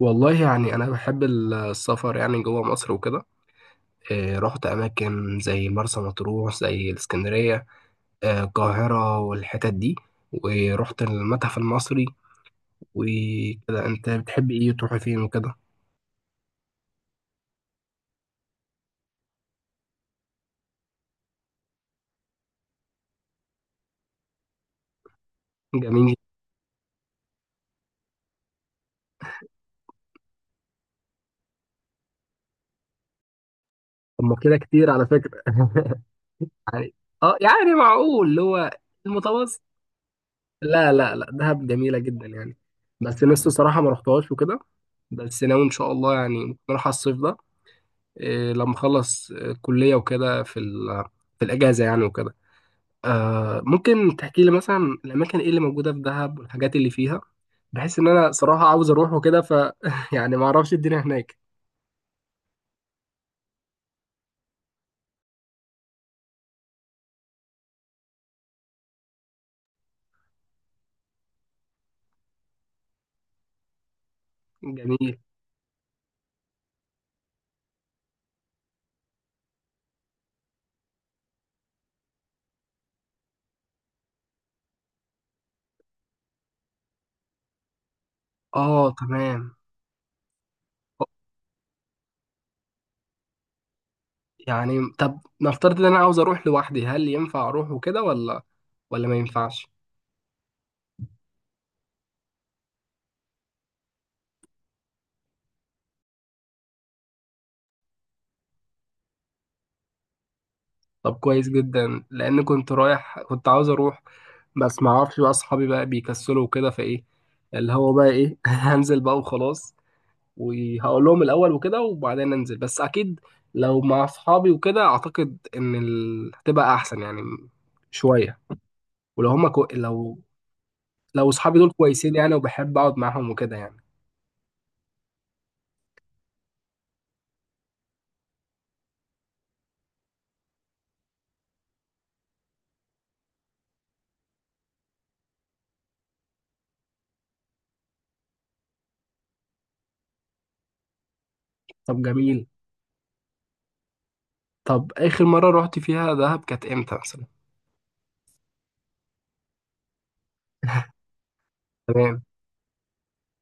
والله يعني أنا بحب السفر يعني جوه مصر وكده. رحت أماكن زي مرسى مطروح زي الإسكندرية، القاهرة والحتت دي. ورحت المتحف المصري وكده. أنت بتحب إيه؟ تروح فين وكده؟ جميل. طب ما كده كتير على فكرة يعني يعني معقول اللي هو المتوسط. لا لا لا، دهب جميلة جدا يعني. بس لسه صراحة ما رحتهاش وكده. بس ناوي إن شاء الله يعني ممكن أروح الصيف ده. لما اخلص كلية وكده في الأجازة يعني وكده. ممكن تحكي لي مثلا الأماكن إيه اللي موجودة في دهب والحاجات اللي فيها، بحيث إن أنا صراحة عاوز أروح وكده. يعني ما أعرفش الدنيا هناك. جميل. تمام. يعني طب نفترض إن أنا عاوز أروح لوحدي، هل ينفع أروح وكده ولا ما ينفعش؟ طب كويس جدا، لأن كنت رايح، كنت عاوز أروح. بس ما أعرفش بقى، أصحابي بقى بيكسلوا وكده، فإيه اللي هو بقى إيه هنزل بقى وخلاص، وهقول لهم الاول وكده وبعدين ننزل. بس اكيد لو مع اصحابي وكده، اعتقد ان هتبقى احسن يعني شويه. ولو هم كو... لو لو اصحابي دول كويسين يعني، وبحب اقعد معاهم وكده يعني. طب جميل. طب اخر مره رحت فيها دهب كانت امتى مثلا؟ تمام.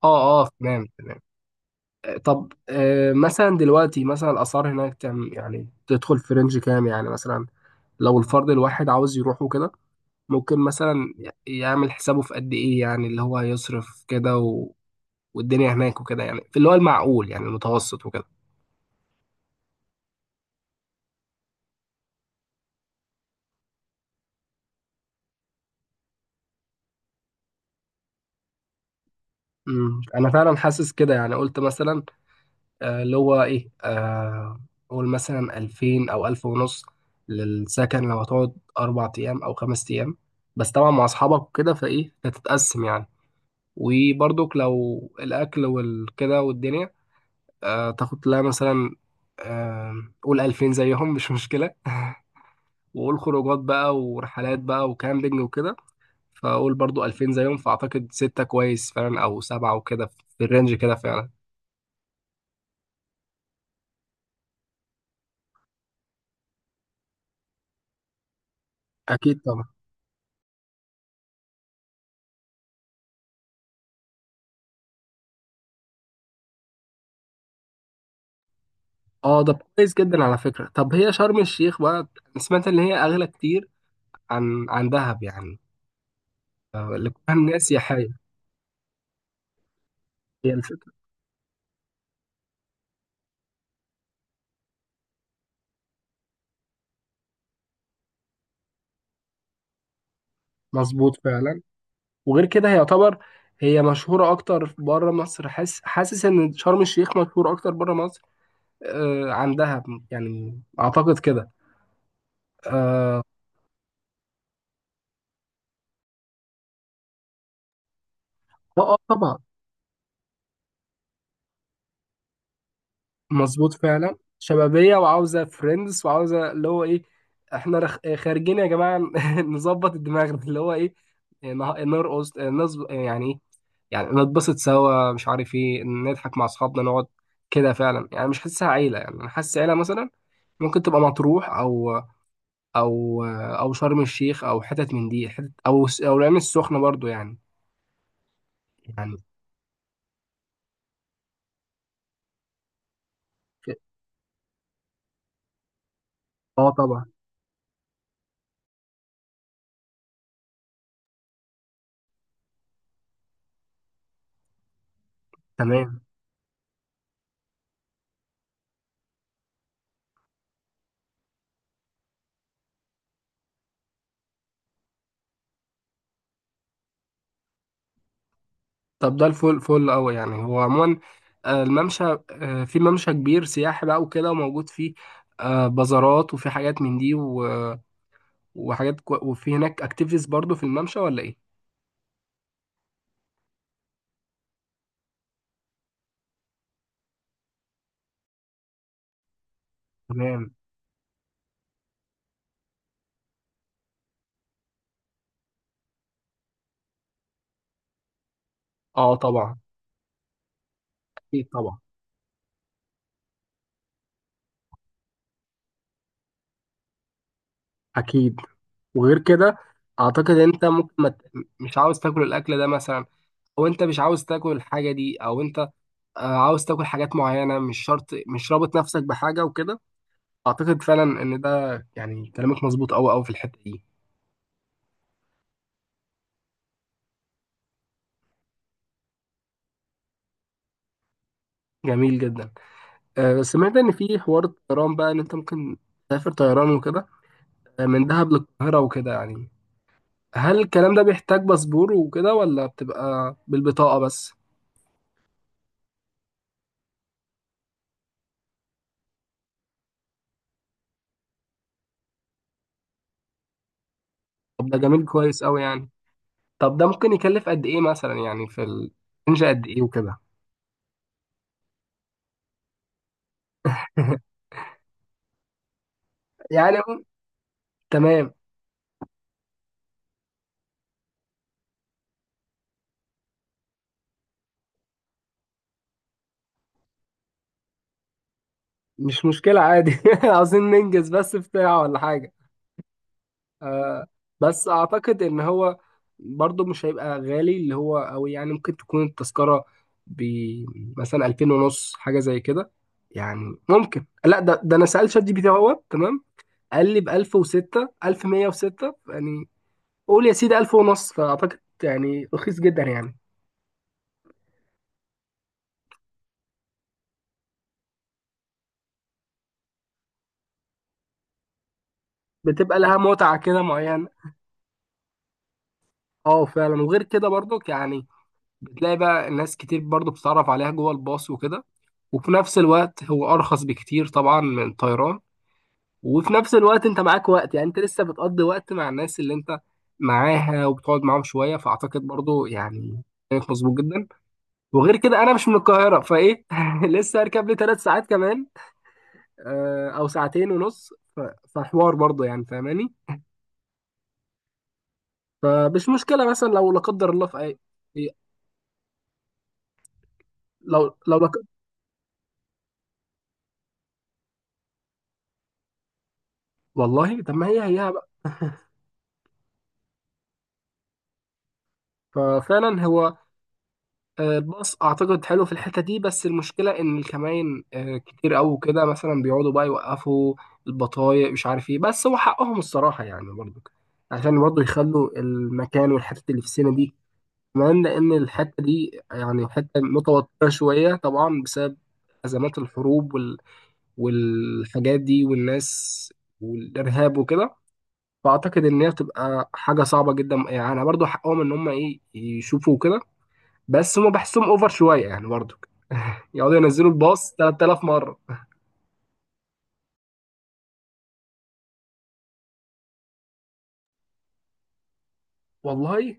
اه تمام تمام. طب مثلا دلوقتي مثلا الاسعار هناك كام يعني؟ تدخل في رينج كام يعني مثلا، لو الفرد الواحد عاوز يروح وكده؟ ممكن مثلا يعمل حسابه في قد ايه يعني، اللي هو هيصرف كده والدنيا هناك وكده يعني، في اللي هو المعقول يعني المتوسط وكده. امم، انا فعلا حاسس كده. يعني قلت مثلا اللي هو ايه، قول مثلا 2000 او 1000 ونص للسكن، لو هتقعد 4 ايام او 5 ايام، بس طبعا مع اصحابك وكده فايه هتتقسم يعني. وبرضك لو الاكل والكده والدنيا، تاخد لها مثلا، آه، قول 2000 زيهم مش مشكلة. وقول خروجات بقى ورحلات بقى وكامبينج وكده، فاقول برضو 2000 زيهم، فاعتقد ستة كويس فعلا او سبعة وكده، في الرينج كده فعلا. اكيد طبعا. اه ده كويس جدا على فكرة. طب هي شرم الشيخ بقى، أنا سمعت ان هي اغلى كتير عن دهب يعني، اللي كلها الناس سياحية. هي الفكرة. مظبوط فعلا. وغير كده هي يعتبر، هي مشهورة اكتر بره مصر. حاسس حاسس ان شرم الشيخ مشهورة اكتر بره مصر عن دهب يعني، اعتقد كده. اه. طبعا. مظبوط فعلا، شبابيه وعاوزه فريندز وعاوزه اللي هو ايه. احنا خارجين يا جماعه نظبط الدماغ اللي هو ايه. نرقص يعني ايه، يعني نتبسط سوا، مش عارف ايه، نضحك مع اصحابنا، نقعد كده فعلا. يعني مش حاسسها عيله. يعني انا حاسس عيله مثلا ممكن تبقى مطروح، او او او شرم الشيخ، او حتت من دي حتت، او العين السخنه برضو يعني. يعني اه طبعا. تمام. طب ده الفل فل قوي يعني. هو عموما الممشى، في ممشى كبير سياحي بقى وكده، وموجود فيه بازارات، وفي حاجات من دي وفي هناك اكتيفيتيز برضو في الممشى ولا ايه؟ تمام. اه طبعا. اكيد طبعا. اكيد. وغير كده اعتقد انت ممكن ما ت- مش عاوز تاكل الاكل ده مثلا، او انت مش عاوز تاكل الحاجه دي، او انت عاوز تاكل حاجات معينه، مش شرط، مش رابط نفسك بحاجه وكده. اعتقد فعلا ان ده يعني كلامك مظبوط قوي قوي في الحته دي. جميل جدا. سمعت ان في حوار الطيران بقى، ان انت ممكن تسافر طيران وكده من دهب للقاهرة وكده يعني. هل الكلام ده بيحتاج باسبور وكده، ولا بتبقى بالبطاقة بس؟ طب ده جميل، كويس قوي يعني. طب ده ممكن يكلف قد ايه مثلا يعني، في الرينج قد ايه وكده؟ يعني تمام، مش مشكلة عادي عاوزين ننجز بس بتاع ولا حاجة. آه. بس اعتقد ان هو برضه مش هيبقى غالي اللي هو، او يعني ممكن تكون التذكرة ب مثلا 2000 ونص حاجة زي كده. يعني ممكن، لا ده انا سألت شات جي بي تي اهوت تمام، قال لي ب 1006 1106 يعني، قول يا سيدي 1000 ونص. فاعتقد يعني رخيص جدا يعني. بتبقى لها متعة كده معينة. اه فعلا. وغير كده برضك يعني بتلاقي بقى ناس كتير برضو بتتعرف عليها جوه الباص وكده. وفي نفس الوقت هو أرخص بكتير طبعا من الطيران. وفي نفس الوقت انت معاك وقت، يعني انت لسه بتقضي وقت مع الناس اللي انت معاها، وبتقعد معاهم شويه. فاعتقد برضو يعني كانت مظبوط جدا. وغير كده انا مش من القاهره فايه لسه هركب لي 3 ساعات كمان، او ساعتين ونص. فحوار برضو يعني فاهماني. فمش مشكله مثلا لو لا قدر الله في اي، لو لو لا ق- والله طب ما هي هيها بقى. ففعلا هو باص اعتقد حلو في الحته دي، بس المشكله ان الكمائن كتير قوي كده، مثلا بيقعدوا بقى يوقفوا البطايق مش عارف ايه. بس هو حقهم الصراحه يعني برضو، عشان برضو يخلوا المكان والحته اللي في السينما دي. كمان لان الحته دي يعني حته متوتره شويه طبعا، بسبب ازمات الحروب والحاجات دي والناس والارهاب وكده. فاعتقد ان هي بتبقى حاجه صعبه جدا يعني. برضو حقهم ان هم ايه يشوفوا كده، بس هم بحسهم اوفر شويه يعني برضو. يقعدوا ينزلوا الباص 3000 مرة. والله،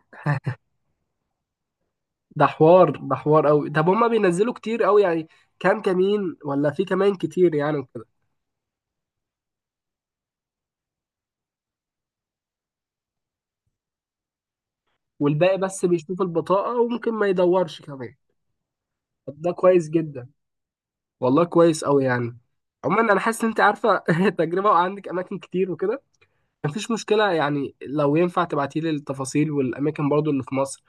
ده حوار، ده حوار قوي. طب هما بينزلوا كتير قوي يعني؟ كام كمين، ولا في كمان كتير يعني وكده؟ والباقي بس بيشوف البطاقة، وممكن ما يدورش كمان. طب ده كويس جدا. والله كويس قوي يعني. عموما انا حاسس ان انت عارفة تجربة وعندك اماكن كتير وكده، مفيش مشكلة يعني. لو ينفع تبعتي لي التفاصيل والاماكن برضو اللي في مصر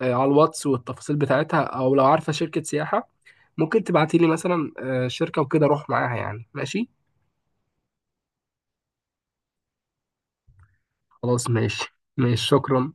على الواتس والتفاصيل بتاعتها، او لو عارفة شركة سياحة ممكن تبعتي لي مثلا شركة وكده اروح معاها يعني. ماشي خلاص، ماشي ماشي، شكرا.